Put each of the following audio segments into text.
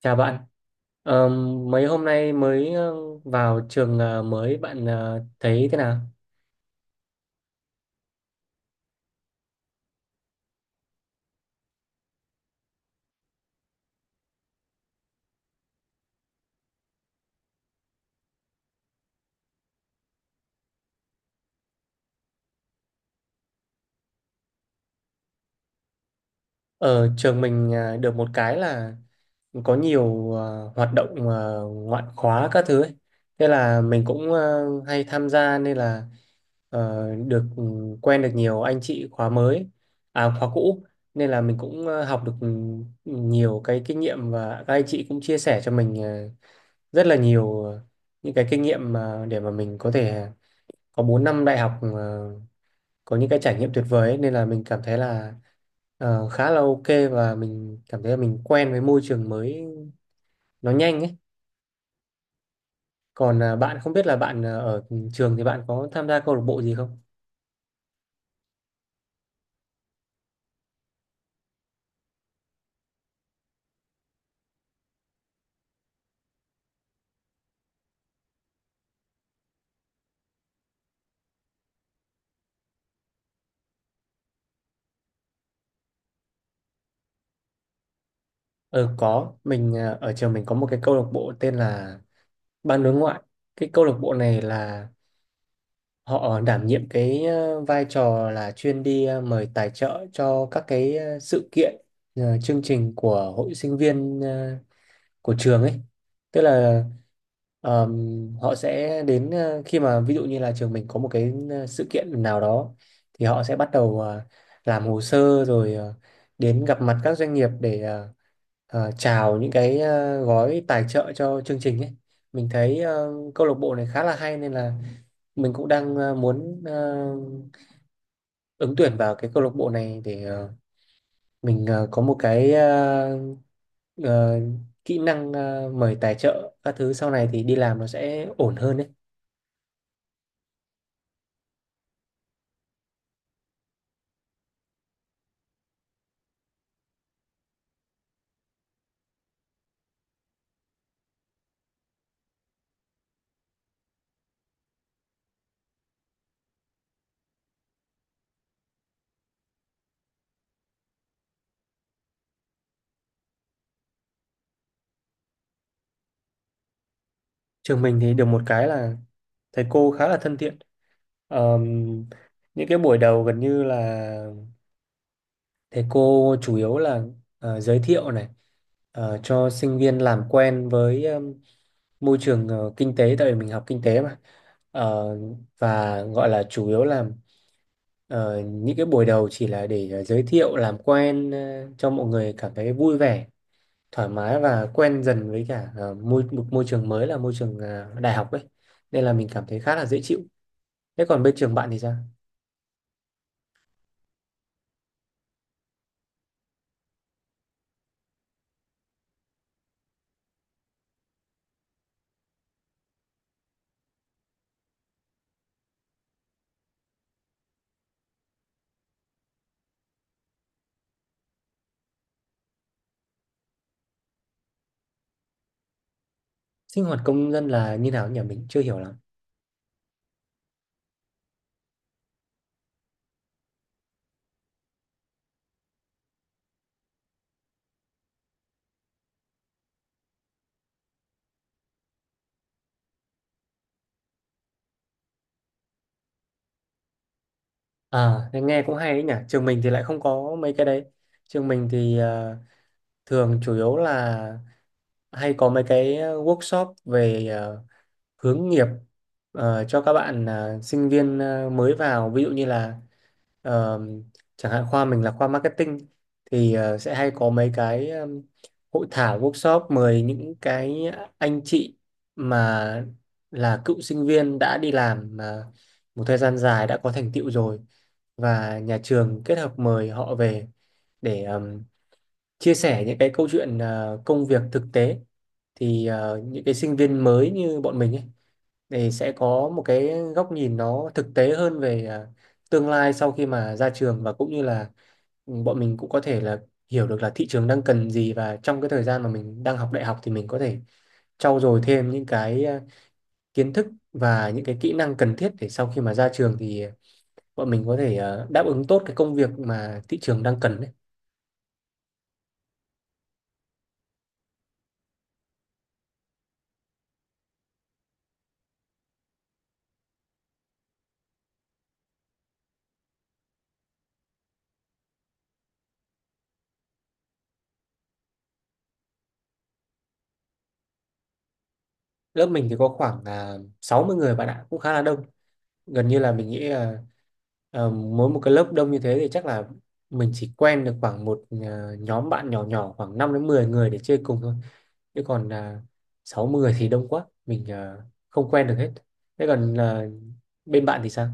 Chào bạn, Ờ, mấy hôm nay mới vào trường mới bạn thấy thế nào? Ở trường mình được một cái là có nhiều hoạt động ngoại khóa các thứ ấy. Thế là mình cũng hay tham gia nên là ờ, được ừ, quen được nhiều anh chị khóa mới, à khóa cũ, nên là mình cũng học được nhiều cái kinh nghiệm, và các anh chị cũng chia sẻ cho mình rất là nhiều những cái kinh nghiệm mà để mà mình có thể có 4 năm đại học, có những cái trải nghiệm tuyệt vời ấy, nên là mình cảm thấy là khá là ok, và mình cảm thấy là mình quen với môi trường mới nó nhanh ấy. Còn bạn không biết là bạn ở trường thì bạn có tham gia câu lạc bộ gì không? Ờ có, mình ở trường mình có một cái câu lạc bộ tên là Ban đối ngoại. Cái câu lạc bộ này là họ đảm nhiệm cái vai trò là chuyên đi mời tài trợ cho các cái sự kiện, chương trình của hội sinh viên của trường ấy. Tức là họ sẽ đến, khi mà ví dụ như là trường mình có một cái sự kiện nào đó, thì họ sẽ bắt đầu làm hồ sơ, rồi đến gặp mặt các doanh nghiệp để chào những cái gói tài trợ cho chương trình ấy. Mình thấy câu lạc bộ này khá là hay, nên là mình cũng đang muốn ứng tuyển vào cái câu lạc bộ này để mình có một cái ờ, kỹ năng mời tài trợ các thứ, sau này thì đi làm nó sẽ ổn hơn đấy. Trường mình thì được một cái là thầy cô khá là thân thiện. Ờm, những cái buổi đầu gần như là thầy cô chủ yếu là giới thiệu này, cho sinh viên làm quen với môi trường kinh tế, tại vì mình học kinh tế mà. Ờ, và gọi là chủ yếu là ờ, những cái buổi đầu chỉ là để giới thiệu làm quen, cho mọi người cảm thấy vui vẻ, thoải mái và quen dần với cả một môi trường mới là môi trường đại học ấy, nên là mình cảm thấy khá là dễ chịu. Thế còn bên trường bạn thì sao? Sinh hoạt công dân là như nào nhỉ, mình chưa hiểu lắm. À thế nghe cũng hay ấy nhỉ, trường mình thì lại không có mấy cái đấy. Trường mình thì thường chủ yếu là hay có mấy cái workshop về hướng nghiệp cho các bạn sinh viên mới vào, ví dụ như là, Ờ, chẳng hạn khoa mình là khoa marketing thì sẽ hay có mấy cái hội thảo, workshop mời những cái anh chị mà là cựu sinh viên đã đi làm mà một thời gian dài, đã có thành tựu rồi, và nhà trường kết hợp mời họ về để chia sẻ những cái câu chuyện công việc thực tế, thì những cái sinh viên mới như bọn mình ấy thì sẽ có một cái góc nhìn nó thực tế hơn về tương lai sau khi mà ra trường, và cũng như là bọn mình cũng có thể là hiểu được là thị trường đang cần gì, và trong cái thời gian mà mình đang học đại học thì mình có thể trau dồi thêm những cái kiến thức và những cái kỹ năng cần thiết để sau khi mà ra trường thì bọn mình có thể đáp ứng tốt cái công việc mà thị trường đang cần đấy. Lớp mình thì có khoảng 60 người, bạn ạ, cũng khá là đông. Gần như là mình nghĩ là mỗi một cái lớp đông như thế thì chắc là mình chỉ quen được khoảng một nhóm bạn nhỏ nhỏ khoảng 5 đến 10 người để chơi cùng thôi, chứ còn 6 10 thì đông quá, mình không quen được hết. Thế còn bên bạn thì sao?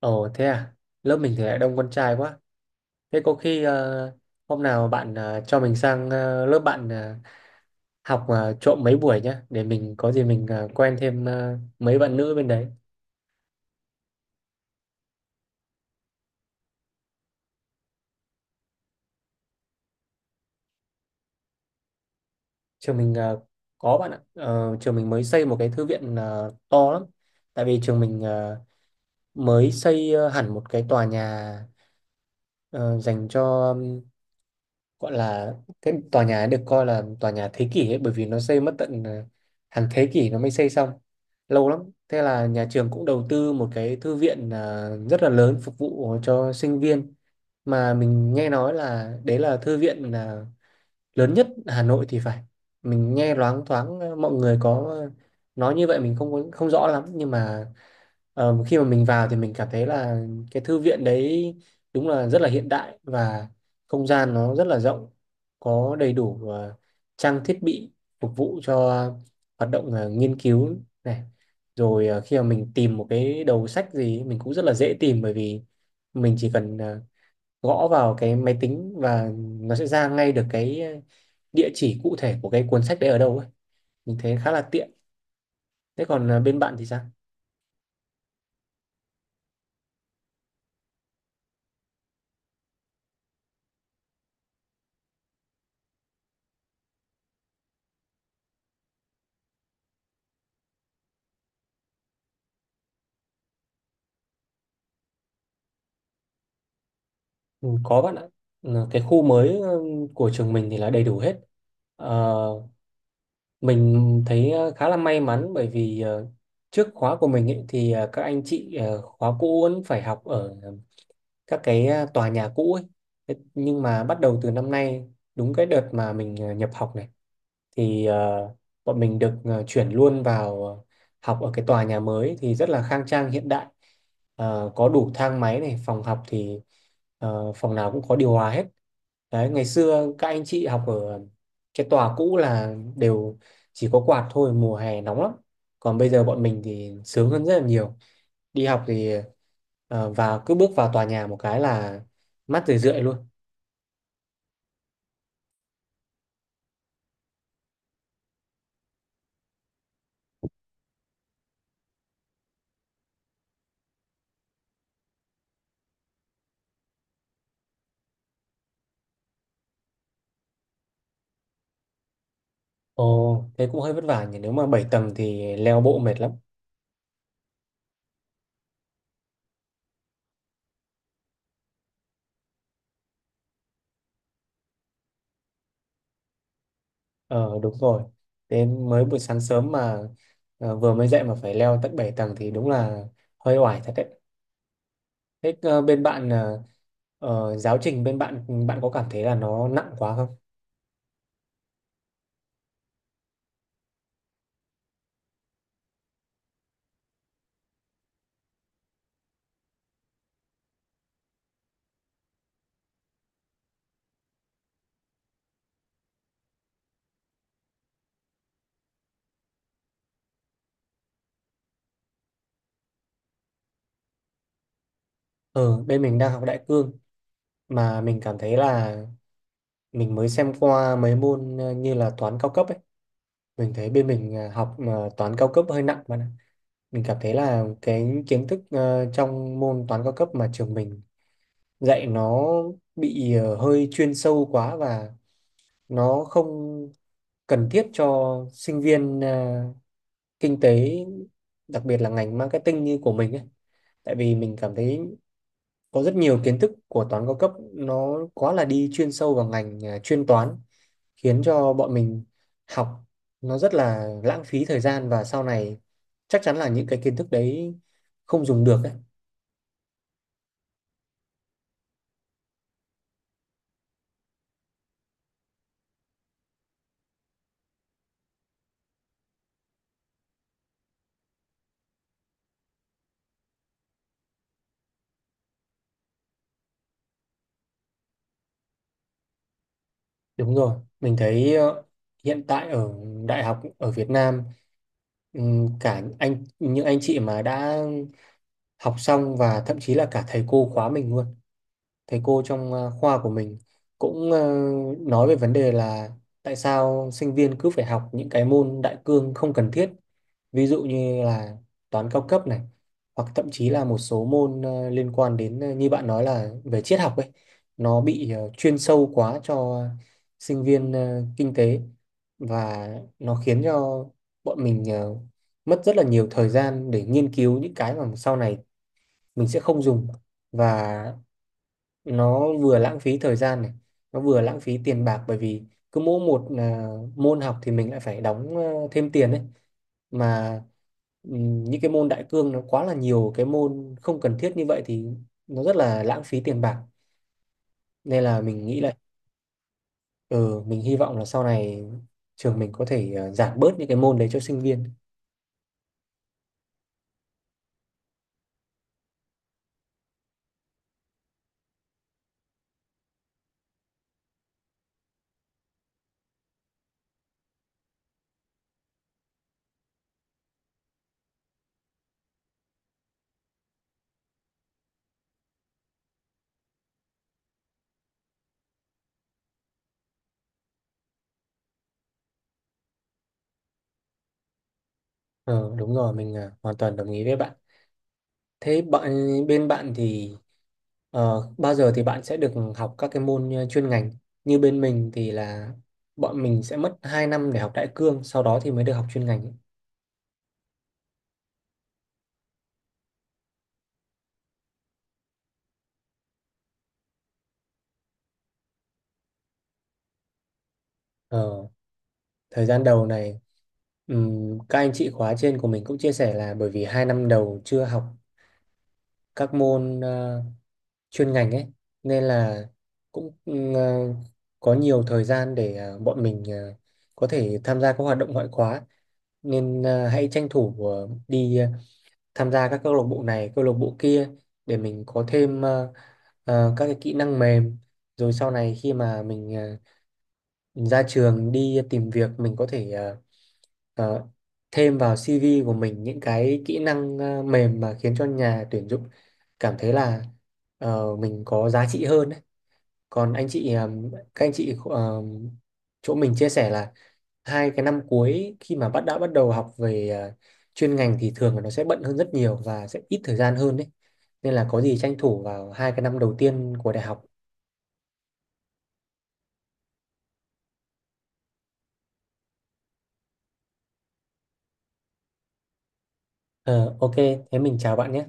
Ồ thế à, lớp mình thì lại đông con trai quá. Thế có khi hôm nào bạn cho mình sang lớp bạn học trộm mấy buổi nhá, để mình có gì mình quen thêm mấy bạn nữ bên đấy. Trường mình có, bạn ạ. Ờ, trường mình mới xây một cái thư viện to lắm, tại vì trường mình mới xây hẳn một cái tòa nhà ờ, dành cho, gọi là, cái tòa nhà ấy được coi là tòa nhà thế kỷ ấy, bởi vì nó xây mất tận hàng thế kỷ nó mới xây xong, lâu lắm. Thế là nhà trường cũng đầu tư một cái thư viện rất là lớn phục vụ cho sinh viên, mà mình nghe nói là đấy là thư viện lớn nhất Hà Nội thì phải. Mình nghe loáng thoáng mọi người có nói như vậy, mình không rõ lắm, nhưng mà khi mà mình vào thì mình cảm thấy là cái thư viện đấy đúng là rất là hiện đại, và không gian nó rất là rộng, có đầy đủ trang thiết bị phục vụ cho hoạt động nghiên cứu này, rồi khi mà mình tìm một cái đầu sách gì mình cũng rất là dễ tìm, bởi vì mình chỉ cần gõ vào cái máy tính và nó sẽ ra ngay được cái địa chỉ cụ thể của cái cuốn sách đấy ở đâu ấy, mình thấy khá là tiện. Thế còn bên bạn thì sao? Ừ, có bạn ạ. Cái khu mới của trường mình thì là đầy đủ hết. Ờ, mình thấy khá là may mắn bởi vì trước khóa của mình ấy, thì các anh chị khóa cũ vẫn phải học ở các cái tòa nhà cũ ấy. Thế nhưng mà bắt đầu từ năm nay, đúng cái đợt mà mình nhập học này, thì bọn mình được chuyển luôn vào học ở cái tòa nhà mới thì rất là khang trang, hiện đại. Ờ, có đủ thang máy này, phòng học thì phòng nào cũng có điều hòa hết. Đấy, ngày xưa các anh chị học ở cái tòa cũ là đều chỉ có quạt thôi, mùa hè nóng lắm, còn bây giờ bọn mình thì sướng hơn rất là nhiều. Đi học thì vào, cứ bước vào tòa nhà một cái là mát rười rượi luôn. Ồ thế cũng hơi vất vả nhỉ, nếu mà 7 tầng thì leo bộ mệt lắm. Ờ đúng rồi. Đến mới buổi sáng sớm mà vừa mới dậy mà phải leo tận 7 tầng thì đúng là hơi oải thật đấy. Thế bên bạn, giáo trình bên bạn, bạn có cảm thấy là nó nặng quá không? Ờ bên mình đang học đại cương, mà mình cảm thấy là mình mới xem qua mấy môn như là toán cao cấp ấy. Mình thấy bên mình học toán cao cấp hơi nặng, bạn ạ. Mình cảm thấy là cái kiến thức trong môn toán cao cấp mà trường mình dạy nó bị hơi chuyên sâu quá, và nó không cần thiết cho sinh viên kinh tế, đặc biệt là ngành marketing như của mình ấy. Tại vì mình cảm thấy có rất nhiều kiến thức của toán cao cấp nó quá là đi chuyên sâu vào ngành chuyên toán, khiến cho bọn mình học nó rất là lãng phí thời gian, và sau này chắc chắn là những cái kiến thức đấy không dùng được ấy. Đúng rồi, mình thấy hiện tại ở đại học ở Việt Nam, cả những anh chị mà đã học xong và thậm chí là cả thầy cô khóa mình luôn, thầy cô trong khoa của mình cũng nói về vấn đề là tại sao sinh viên cứ phải học những cái môn đại cương không cần thiết, ví dụ như là toán cao cấp này, hoặc thậm chí là một số môn liên quan đến, như bạn nói là về triết học ấy, nó bị chuyên sâu quá cho sinh viên kinh tế, và nó khiến cho bọn mình mất rất là nhiều thời gian để nghiên cứu những cái mà sau này mình sẽ không dùng, và nó vừa lãng phí thời gian này, nó vừa lãng phí tiền bạc, bởi vì cứ mỗi một môn học thì mình lại phải đóng thêm tiền đấy mà. Những cái môn đại cương nó quá là nhiều cái môn không cần thiết như vậy thì nó rất là lãng phí tiền bạc, nên là mình nghĩ là, ừ, mình hy vọng là sau này trường mình có thể giảm bớt những cái môn đấy cho sinh viên. Ờ Đúng rồi, mình hoàn toàn đồng ý với bạn. Thế bên bạn thì bao giờ thì bạn sẽ được học các cái môn chuyên ngành? Như bên mình thì là bọn mình sẽ mất 2 năm để học đại cương, sau đó thì mới được học chuyên ngành ấy. Ờ, Thời gian đầu này, các anh chị khóa trên của mình cũng chia sẻ là bởi vì 2 năm đầu chưa học các môn chuyên ngành ấy, nên là cũng có nhiều thời gian để bọn mình có thể tham gia các hoạt động ngoại khóa, nên hãy tranh thủ đi tham gia các câu lạc bộ này, câu lạc bộ kia, để mình có thêm các cái kỹ năng mềm, rồi sau này khi mà mình ra trường đi tìm việc, mình có thể ờ, thêm vào CV của mình những cái kỹ năng mềm mà khiến cho nhà tuyển dụng cảm thấy là mình có giá trị hơn ấy. Còn anh chị các anh chị chỗ mình chia sẻ là hai cái năm cuối khi mà đã bắt đầu học về chuyên ngành thì thường là nó sẽ bận hơn rất nhiều và sẽ ít thời gian hơn đấy. Nên là có gì tranh thủ vào hai cái năm đầu tiên của đại học. Ờ, ok, thế mình chào bạn nhé.